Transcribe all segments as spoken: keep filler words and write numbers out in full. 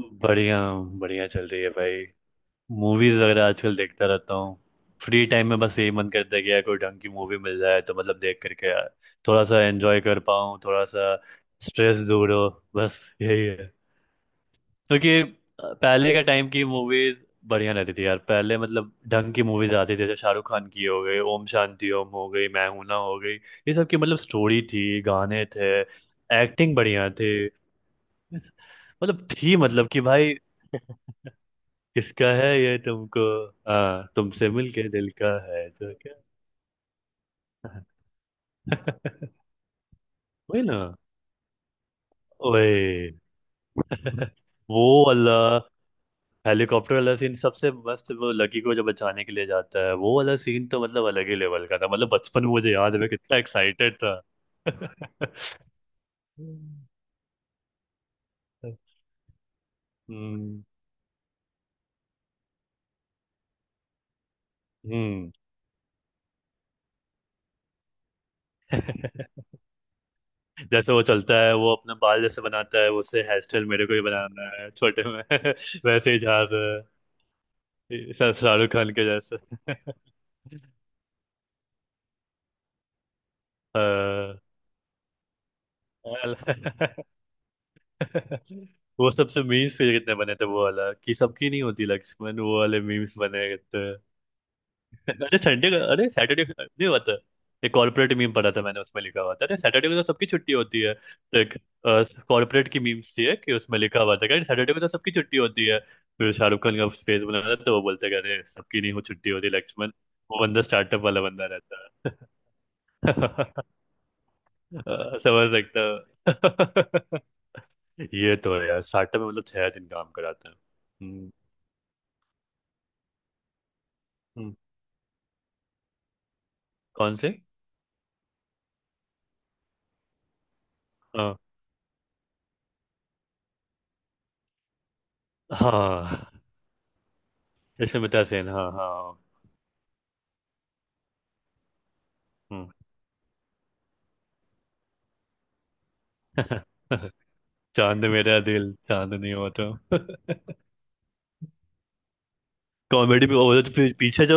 बढ़िया। बढ़िया चल रही है भाई। मूवीज वगैरह आजकल देखता रहता हूँ। फ्री टाइम में बस यही मन करता है कि यार कोई ढंग की मूवी मिल जाए तो मतलब देख करके यार थोड़ा सा एंजॉय कर पाऊँ, थोड़ा सा स्ट्रेस दूर हो। बस यही है। क्योंकि पहले का टाइम की मूवीज बढ़िया रहती थी यार। पहले मतलब ढंग की मूवीज आती थी, जैसे शाहरुख खान की हो गई, ओम शांति ओम हो गई, मैं हूं ना हो गई। ये सब की मतलब स्टोरी थी, गाने थे, एक्टिंग बढ़िया थी। मतलब थी मतलब कि भाई किसका है ये तुमको, हाँ तुमसे मिलके दिल का है तो क्या। वही ना। ओए वो वाला हेलीकॉप्टर वाला सीन सबसे मस्त। वो लकी को जब बचाने के लिए जाता है वो वाला सीन, तो मतलब अलग ही लेवल का था। मतलब बचपन में मुझे याद है मैं कितना एक्साइटेड था। हम्म। हम्म। जैसे वो चलता है, वो अपना बाल जैसे बनाता है, उससे हेयर स्टाइल मेरे को ही बनाना है छोटे में। वैसे ही जा रहा है, शाहरुख खान के जैसे। हाँ। अल- वो सबसे मीम्स फिर कितने बने थे, वो वाला कि सबकी नहीं होती लक्ष्मण, वो वाले मीम्स बने कितने। अरे संडे का, अरे सैटरडे नहीं हुआ था। एक कॉर्पोरेट मीम पढ़ा था मैंने, उसमें लिखा हुआ था अरे सैटरडे को तो सबकी छुट्टी होती है। तो एक कॉर्पोरेट की मीम्स थी है कि उसमें लिखा हुआ था कि अरे सैटरडे को तो सबकी छुट्टी होती है। फिर शाहरुख खान का फेस बना था तो वो बोलते कि अरे सबकी नहीं हो छुट्टी होती लक्ष्मण। वो बंदा स्टार्टअप वाला बंदा रहता है। समझ सकता हूँ। ये तो है यार, स्टार्टअप में मतलब छह दिन काम कराता है। हम्म। हम्म, कौन से? हाँ हाँ इसमें मिता सेन, हाँ हाँ। हम्म। चांद मेरा दिल, चांद नहीं हुआ तो। कॉमेडी भी वो जो पी- पीछे जो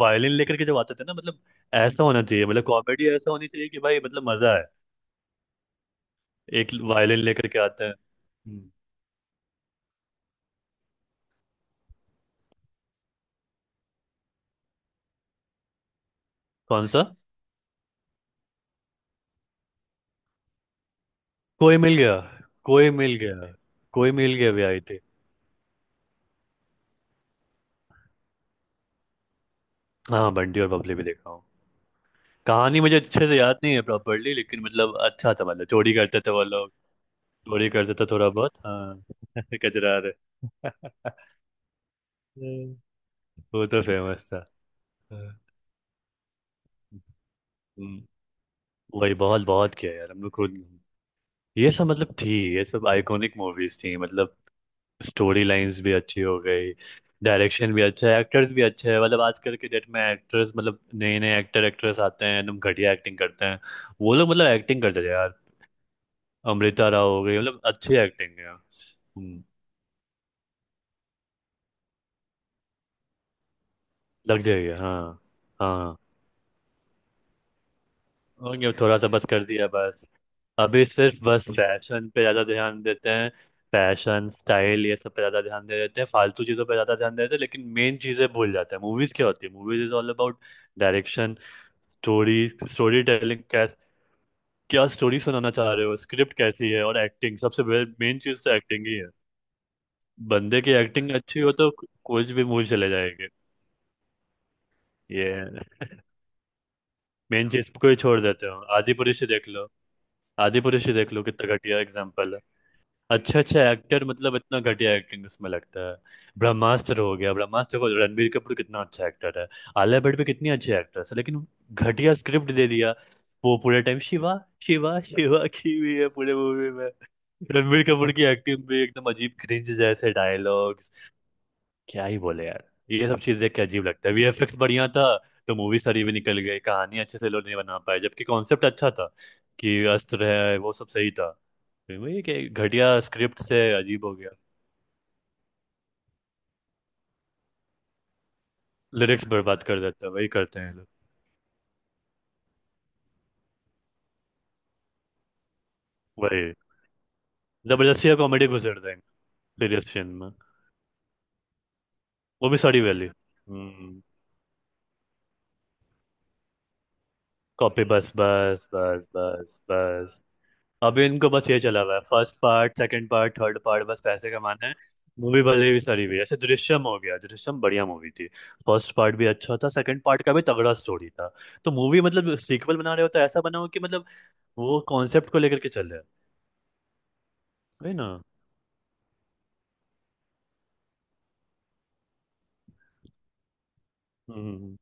वायलिन लेकर के जब आते थे ना, मतलब ऐसा होना चाहिए, मतलब कॉमेडी ऐसा होनी चाहिए कि भाई मतलब मजा है। एक वायलिन लेकर के आता है। हम्म। कौन सा? कोई मिल गया। कोई मिल गया। कोई मिल गया भी आई थी। हाँ बंटी और बबली भी देखा। कहानी मुझे अच्छे से याद नहीं है प्रॉपरली, लेकिन मतलब अच्छा समझ लो चोरी करते थे वो लोग। चोरी करते थे थोड़ा बहुत हाँ। कचरा रहे। वो तो फेमस था। हाँ। हम्म। वही बहुत बहुत किया यार हम लोग खुद। ये सब मतलब थी, ये सब आइकॉनिक मूवीज थी मतलब। स्टोरी लाइंस भी अच्छी हो गई, डायरेक्शन भी अच्छा है, एक्टर्स भी अच्छे हैं। मतलब आजकल के डेट में एक्टर्स मतलब नए नए एक्टर एक्ट्रेस आते हैं एकदम घटिया एक्टिंग करते हैं। वो लोग मतलब एक्टिंग करते थे यार। अमृता राव हो गई मतलब अच्छी एक्टिंग है। हम्म। लग जाएगी हाँ। हाँ और ये थोड़ा सा बस कर दिया बस। अभी सिर्फ बस फैशन पे ज़्यादा ध्यान देते हैं। फैशन स्टाइल ये सब पे ज़्यादा ध्यान दे देते हैं, फालतू चीज़ों पे ज़्यादा ध्यान दे देते हैं, लेकिन मेन चीज़ें भूल जाते हैं। मूवीज़ क्या होती है, movies is all about direction, story, story telling कैस, क्या स्टोरी सुनाना चाह रहे हो, स्क्रिप्ट कैसी है, और एक्टिंग सबसे मेन चीज़ तो एक्टिंग ही है। बंदे की एक्टिंग अच्छी हो तो कुछ भी मूवी चले जाएंगे। ये मेन चीज को ही छोड़ देते हो। आदिपुरुष ही देख लो, आदिपुरुष ही देख लो कितना घटिया एग्जाम्पल है। अच्छा अच्छा एक्टर मतलब इतना घटिया एक्टिंग उसमें लगता है। ब्रह्मास्त्र हो गया, ब्रह्मास्त्र को रणबीर कपूर कितना अच्छा एक्टर है, आलिया भट्ट भी कितनी अच्छी एक्ट्रेस है, लेकिन घटिया स्क्रिप्ट दे दिया। वो पूरे टाइम शिवा शिवा शिवा की हुई है पूरे मूवी में। रणबीर कपूर की एक्टिंग भी एकदम अजीब, क्रिंज जैसे डायलॉग, क्या ही बोले यार। ये सब चीज देख के अजीब लगता है। वीएफएक्स बढ़िया था तो मूवी सारी भी निकल गई, कहानी अच्छे से लोग नहीं बना पाए, जबकि कॉन्सेप्ट अच्छा था कि अस्त्र है, वो सब सही था। फिर वही कि घटिया स्क्रिप्ट से अजीब हो गया। लिरिक्स बर्बाद कर देता है, वही करते हैं ये लोग। वही जबरदस्ती कॉमेडी घुसेड़ देंगे सीरियस फिल्म में। वो भी सारी वैली। हम्म। कॉपी बस बस बस बस बस। अभी इनको बस ये चला हुआ है first part second part third part, बस पैसे कमाना है। मूवी भले भी सारी भी, जैसे दृश्यम हो गया, दृश्यम बढ़िया मूवी थी। फर्स्ट पार्ट भी अच्छा था, सेकंड पार्ट का भी तगड़ा स्टोरी था। तो मूवी मतलब सीक्वल बना रहे हो तो ऐसा बनाओ कि मतलब वो कॉन्सेप्ट को लेकर के चल रहे है ना। हम्म। हम्म, हम्म।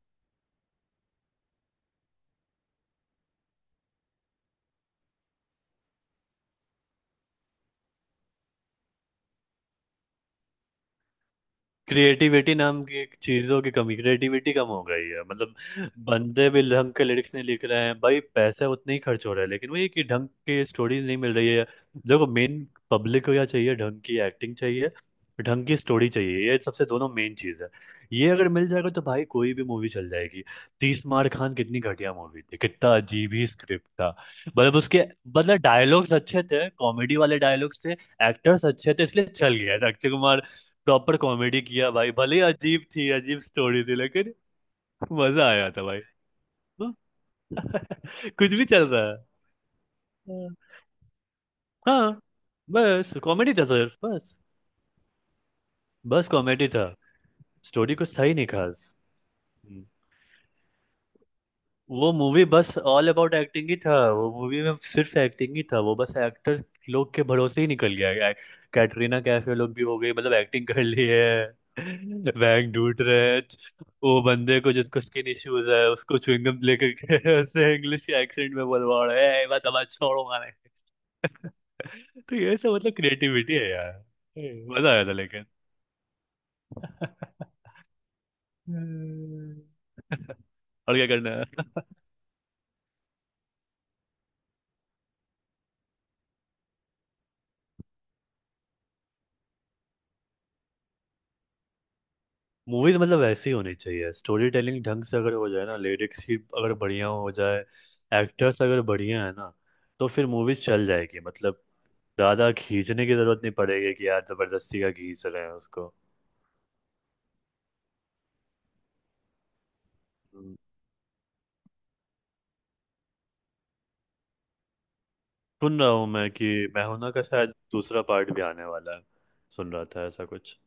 क्रिएटिविटी नाम की एक चीजों की कमी, क्रिएटिविटी कम हो गई है मतलब। बंदे भी ढंग के लिरिक्स नहीं लिख रहे हैं भाई, पैसे उतने ही खर्च हो रहे हैं, लेकिन वही कि ढंग की स्टोरीज नहीं मिल रही है। देखो मेन पब्लिक को क्या चाहिए, ढंग की एक्टिंग चाहिए, ढंग की स्टोरी चाहिए, ये सबसे दोनों मेन चीज है। ये अगर मिल जाएगा तो भाई कोई भी मूवी चल जाएगी। तीस मार खान कितनी घटिया मूवी थी, कितना अजीब ही स्क्रिप्ट था। मतलब उसके मतलब डायलॉग्स अच्छे थे, कॉमेडी वाले डायलॉग्स थे, एक्टर्स अच्छे थे, इसलिए चल गया था। अक्षय कुमार प्रॉपर कॉमेडी किया भाई, भले ही अजीब थी, अजीब स्टोरी थी लेकिन मजा आया था भाई। हाँ। कुछ भी चल रहा है। हाँ बस कॉमेडी था सर बस। बस कॉमेडी था, स्टोरी कुछ था ही नहीं खास। हम्म। वो मूवी बस ऑल अबाउट एक्टिंग ही था, वो मूवी में सिर्फ एक्टिंग ही था, वो बस एक्टर लोग के भरोसे ही निकल गया। ऐ- कैटरीना कैफ ये लोग भी हो गई मतलब एक्टिंग कर ली है। बैंक ढूंढ रहे हैं वो बंदे को जिसको स्किन इश्यूज है उसको च्युइंगम लेकर के उससे इंग्लिश एक्सेंट में बोलवा रहे हैं "ए, बस अब छोड़ो मारे। तो ये सब मतलब क्रिएटिविटी है यार। ए, मजा आया था लेकिन। हम्म। और क्या करना है। मूवीज मतलब वैसे ही होनी चाहिए, स्टोरी टेलिंग ढंग से अगर हो जाए ना, लिरिक्स ही अगर बढ़िया हो जाए, एक्टर्स अगर बढ़िया है ना, तो फिर मूवीज चल जाएगी मतलब। ज़्यादा खींचने की ज़रूरत नहीं पड़ेगी कि यार ज़बरदस्ती का खींच रहे हैं उसको। हम्म, सुन रहा हूँ मैं कि मैं हूं ना का शायद दूसरा पार्ट भी आने वाला है। सुन रहा था ऐसा कुछ,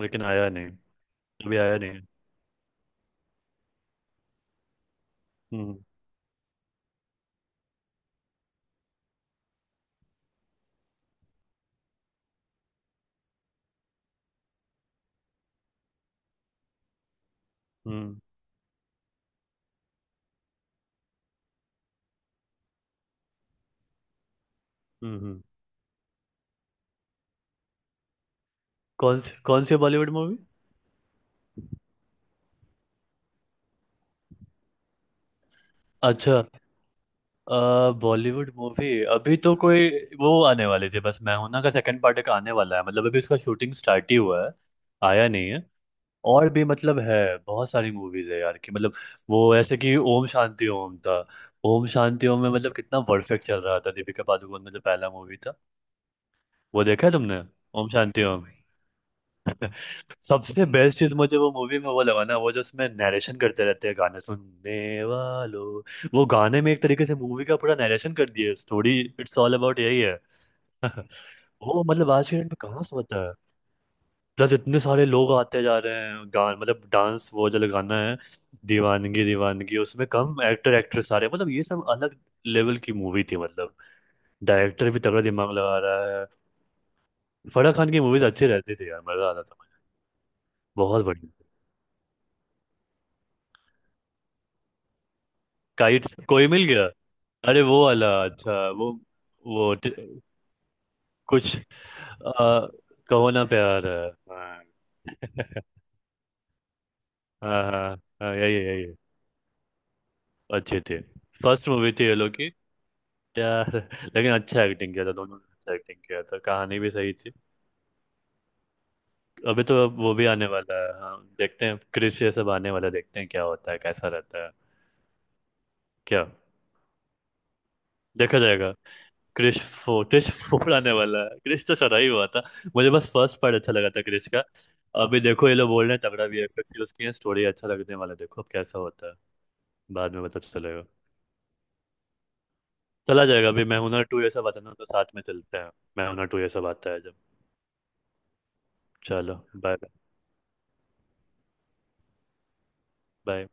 लेकिन आया नहीं, अभी आया नहीं। हम्म। हम्म। हम्म। हम्म। कौन सी कौन सी बॉलीवुड मूवी? अच्छा, बॉलीवुड मूवी। अभी तो कोई वो आने वाली थी, बस मैं हूं ना का सेकंड पार्ट का आने वाला है मतलब अभी उसका शूटिंग स्टार्ट ही हुआ है, आया नहीं है। और भी मतलब है बहुत सारी मूवीज है यार, कि मतलब वो ऐसे कि ओम शांति ओम था। ओम शांति ओम में मतलब कितना परफेक्ट चल रहा था। दीपिका पादुकोण में जो पहला मूवी था, वो देखा है तुमने, ओम शांति ओम। सबसे बेस्ट चीज मुझे वो मूवी में वो लगा ना, वो जो उसमें नरेशन करते रहते हैं गाने सुनने वालों, वो गाने में एक तरीके से मूवी का पूरा नरेशन कर दिया, स्टोरी इट्स ऑल अबाउट यही है। वो मतलब आज के डेट में कहाँ से होता है। प्लस इतने सारे लोग आते जा रहे हैं, गान मतलब डांस वो जो गाना है दीवानगी दीवानगी उसमें कम एक्टर एक्ट्रेस आ रहे हैं, मतलब ये सब अलग लेवल की मूवी थी मतलब। डायरेक्टर भी तगड़ा दिमाग लगा रहा है। फराह खान की मूवीज अच्छी रहती थी यार, मजा आता था। बहुत बढ़िया। काइट्स, कोई मिल गया, अरे वो वाला अच्छा वो वो ट- कुछ आ, कहो ना प्यार है। हाँ हाँ। हाँ, हाँ, यही है, यही है। अच्छे थे। फर्स्ट मूवी थी ये लोग की यार, लेकिन अच्छा एक्टिंग किया था दोनों ने, अच्छा एक्टिंग किया था, कहानी भी सही थी। अभी तो अब वो भी आने वाला है हाँ, देखते हैं, क्रिश ये सब आने वाला है, देखते हैं क्या होता है कैसा रहता है। क्या देखा जाएगा। क्रिश फोर, क्रिश फोर आने वाला है, क्रिश तो चला ही हुआ था। मुझे बस फर्स्ट पार्ट अच्छा लगा था क्रिश का। अभी देखो ये लोग बोल रहे हैं तगड़ा वीएफएक्स यूज किए, स्टोरी अच्छा लगने वाला है, देखो अब कैसा होता है। बाद में पता चलेगा, चला जाएगा। अभी मैं हुनर टू ये सब आता है ना, तो साथ में चलते हैं। मैं हुनर टू ये सब आता है जब। चलो, बाय। बाय।